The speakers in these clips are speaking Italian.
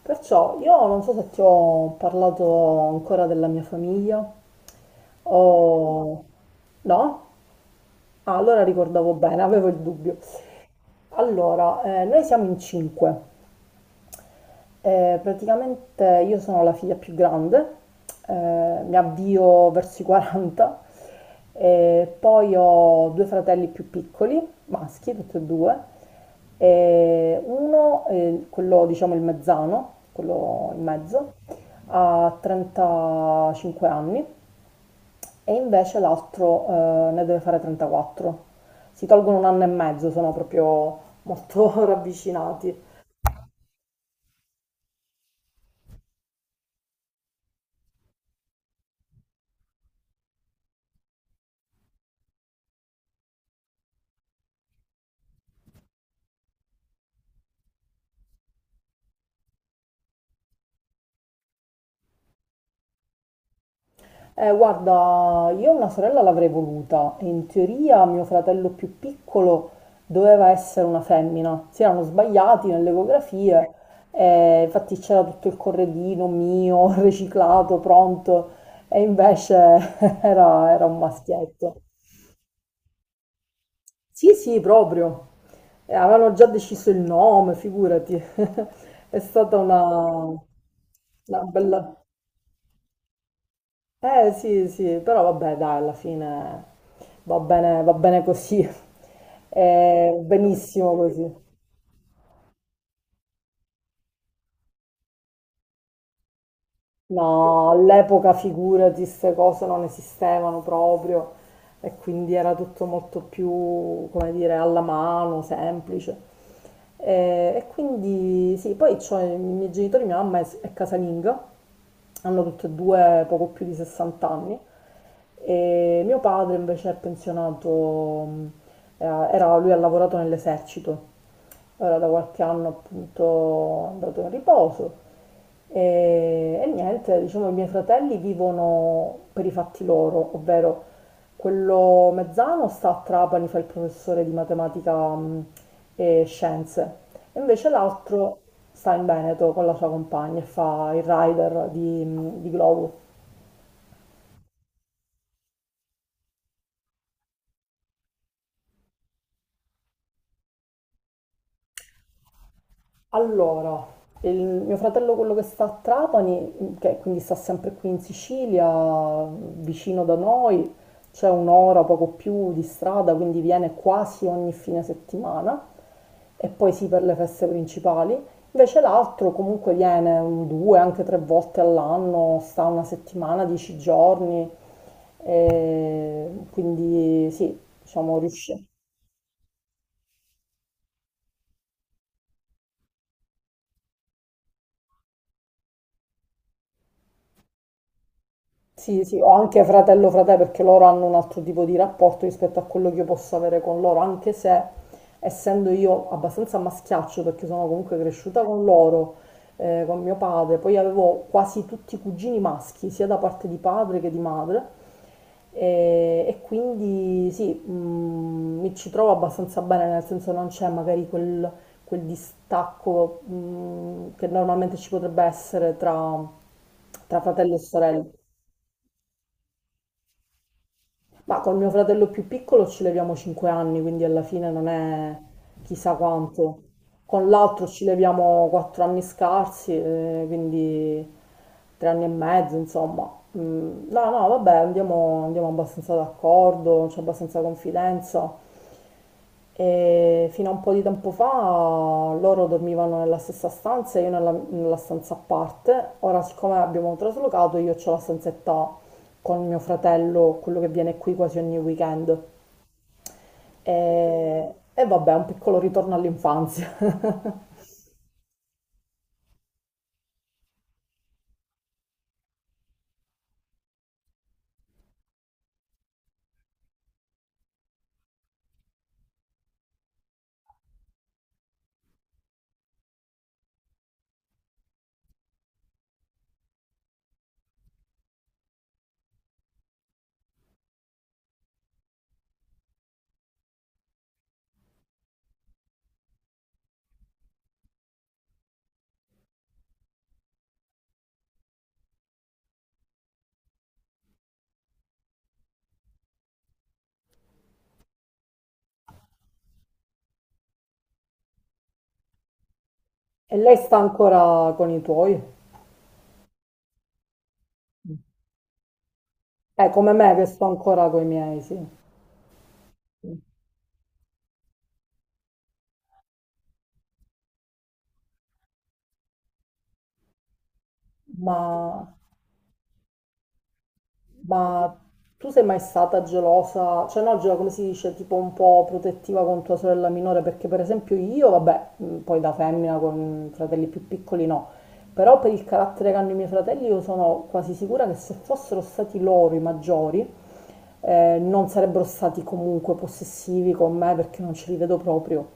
Perciò io non so se ti ho parlato ancora della mia famiglia o no? Ah, allora ricordavo bene, avevo il dubbio. Allora, noi siamo in cinque. Praticamente io sono la figlia più grande, mi avvio verso i 40, e poi ho due fratelli più piccoli, maschi, tutti e due, e uno, quello diciamo il mezzano, quello in mezzo, ha 35 anni e invece l'altro ne deve fare 34. Si tolgono un anno e mezzo, sono proprio molto ravvicinati. Guarda, io una sorella l'avrei voluta. In teoria mio fratello più piccolo doveva essere una femmina. Si erano sbagliati nelle ecografie, infatti c'era tutto il corredino mio, riciclato, pronto, e invece era un maschietto. Sì, sì, proprio. Avevano già deciso il nome, figurati. È stata una bella... Eh sì, sì, però vabbè, dai, alla fine va bene così, è benissimo così. No, all'epoca figurati, queste cose non esistevano proprio e quindi era tutto molto più, come dire, alla mano, semplice. E quindi sì, poi c'ho i miei genitori, mia mamma è casalinga, hanno tutte e due poco più di 60 anni e mio padre invece è pensionato. mh, Lui ha lavorato nell'esercito. Ora da qualche anno appunto è andato in riposo e niente, diciamo i miei fratelli vivono per i fatti loro, ovvero quello mezzano sta a Trapani, fa il professore di matematica e scienze, e invece l'altro sta in Veneto con la sua compagna e fa il rider di globo. Allora, il mio fratello, quello che sta a Trapani, che quindi sta sempre qui in Sicilia, vicino da noi, c'è un'ora, poco più di strada, quindi viene quasi ogni fine settimana e poi sì per le feste principali. Invece l'altro comunque viene un, due, anche tre volte all'anno, sta una settimana, dieci giorni, e quindi sì, diciamo riuscì. Sì, sì, o anche fratello perché loro hanno un altro tipo di rapporto rispetto a quello che io posso avere con loro, anche se essendo io abbastanza a maschiaccio perché sono comunque cresciuta con loro, con mio padre, poi avevo quasi tutti i cugini maschi, sia da parte di padre che di madre, e quindi sì, mm, mi ci trovo abbastanza bene, nel senso non c'è magari quel distacco, mm, che normalmente ci potrebbe essere tra tra fratello e sorella. Ma con mio fratello più piccolo ci leviamo 5 anni, quindi alla fine non è chissà quanto. Con l'altro ci leviamo 4 anni scarsi, quindi 3 anni e mezzo, insomma. Mm, no, no, vabbè, andiamo abbastanza d'accordo, c'è abbastanza confidenza. E fino a un po' di tempo fa loro dormivano nella stessa stanza e io nella stanza a parte. Ora, siccome abbiamo traslocato, io ho la stanzetta con mio fratello, quello che viene qui quasi ogni weekend. E vabbè, un piccolo ritorno all'infanzia. E lei sta ancora con i tuoi? Come me che sto ancora con i miei, sì. Ma Ma tu sei mai stata gelosa, cioè no, gelosa come si dice, tipo un po' protettiva con tua sorella minore? Perché per esempio io, vabbè, poi da femmina con fratelli più piccoli no, però per il carattere che hanno i miei fratelli io sono quasi sicura che se fossero stati loro i maggiori, non sarebbero stati comunque possessivi con me perché non ce li vedo proprio.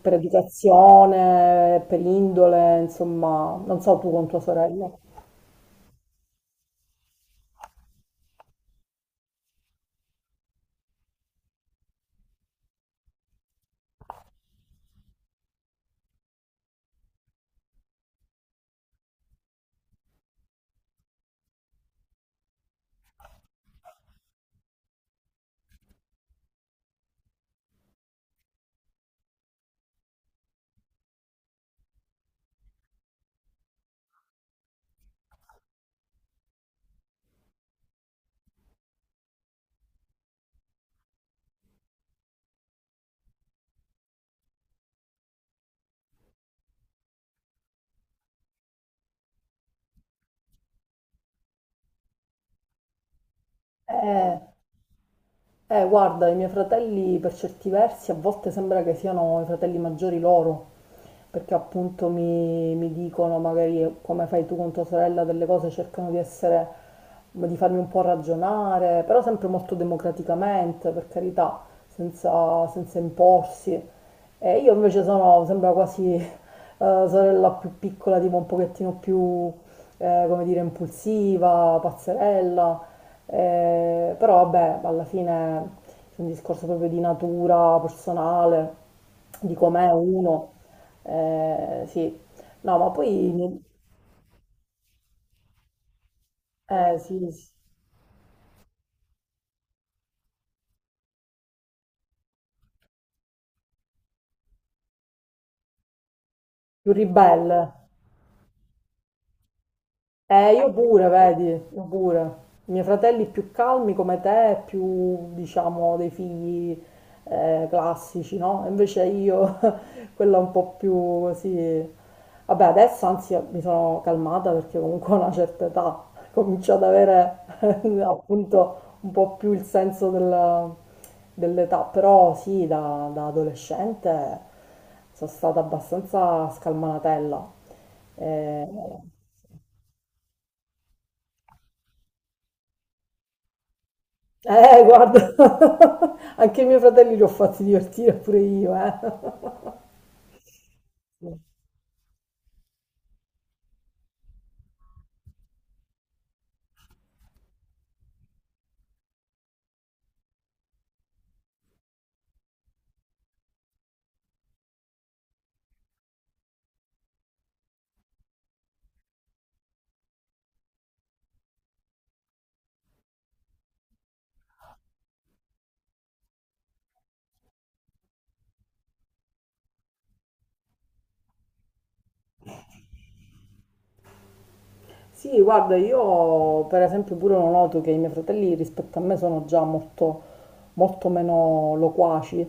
Per educazione, per indole, insomma, non so tu con tua sorella. Eh. Guarda, i miei fratelli per certi versi a volte sembra che siano i fratelli maggiori loro, perché appunto mi dicono magari come fai tu con tua sorella delle cose, cercano di essere, di farmi un po' ragionare, però sempre molto democraticamente, per carità, senza imporsi. E io invece sono, sembra quasi sorella più piccola, tipo un pochettino più come dire, impulsiva, pazzerella, però vabbè, alla fine è un discorso proprio di natura personale, di com'è uno, sì. No, ma poi, sì, sì, più ribelle. Io pure, vedi, io pure. I miei fratelli più calmi come te, più, diciamo, dei figli classici, no? Invece io, quella un po' più così... Vabbè, adesso anzi mi sono calmata perché comunque ho una certa età, comincio ad avere appunto un po' più il senso dell'età, però sì, da adolescente sono stata abbastanza scalmanatella. Eh, guarda, anche i miei fratelli li ho fatti divertire pure io, eh. Sì, guarda, io per esempio pure lo noto che i miei fratelli rispetto a me sono già molto, molto meno loquaci.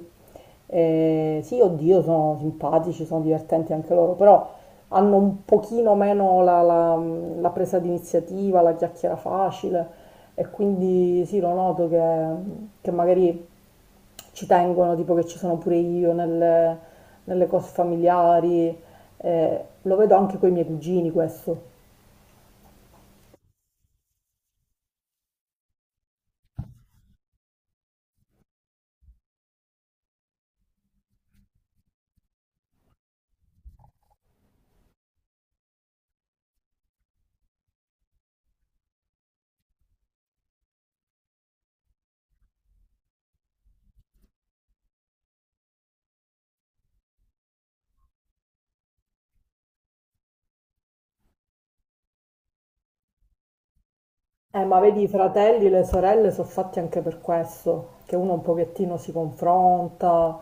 Sì, oddio, sono simpatici, sono divertenti anche loro, però hanno un pochino meno la presa d'iniziativa, la chiacchiera facile e quindi sì, lo noto che magari ci tengono, tipo che ci sono pure io nelle cose familiari. Eh, lo vedo anche con i miei cugini questo. Ma vedi, i fratelli e le sorelle sono fatti anche per questo, che uno un pochettino si confronta.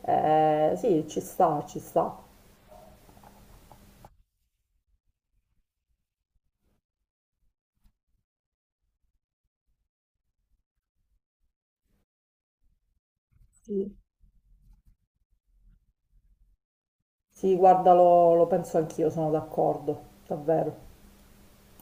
Sì, ci sta, ci sta. Sì, sì, guarda, lo penso anch'io, sono d'accordo, davvero.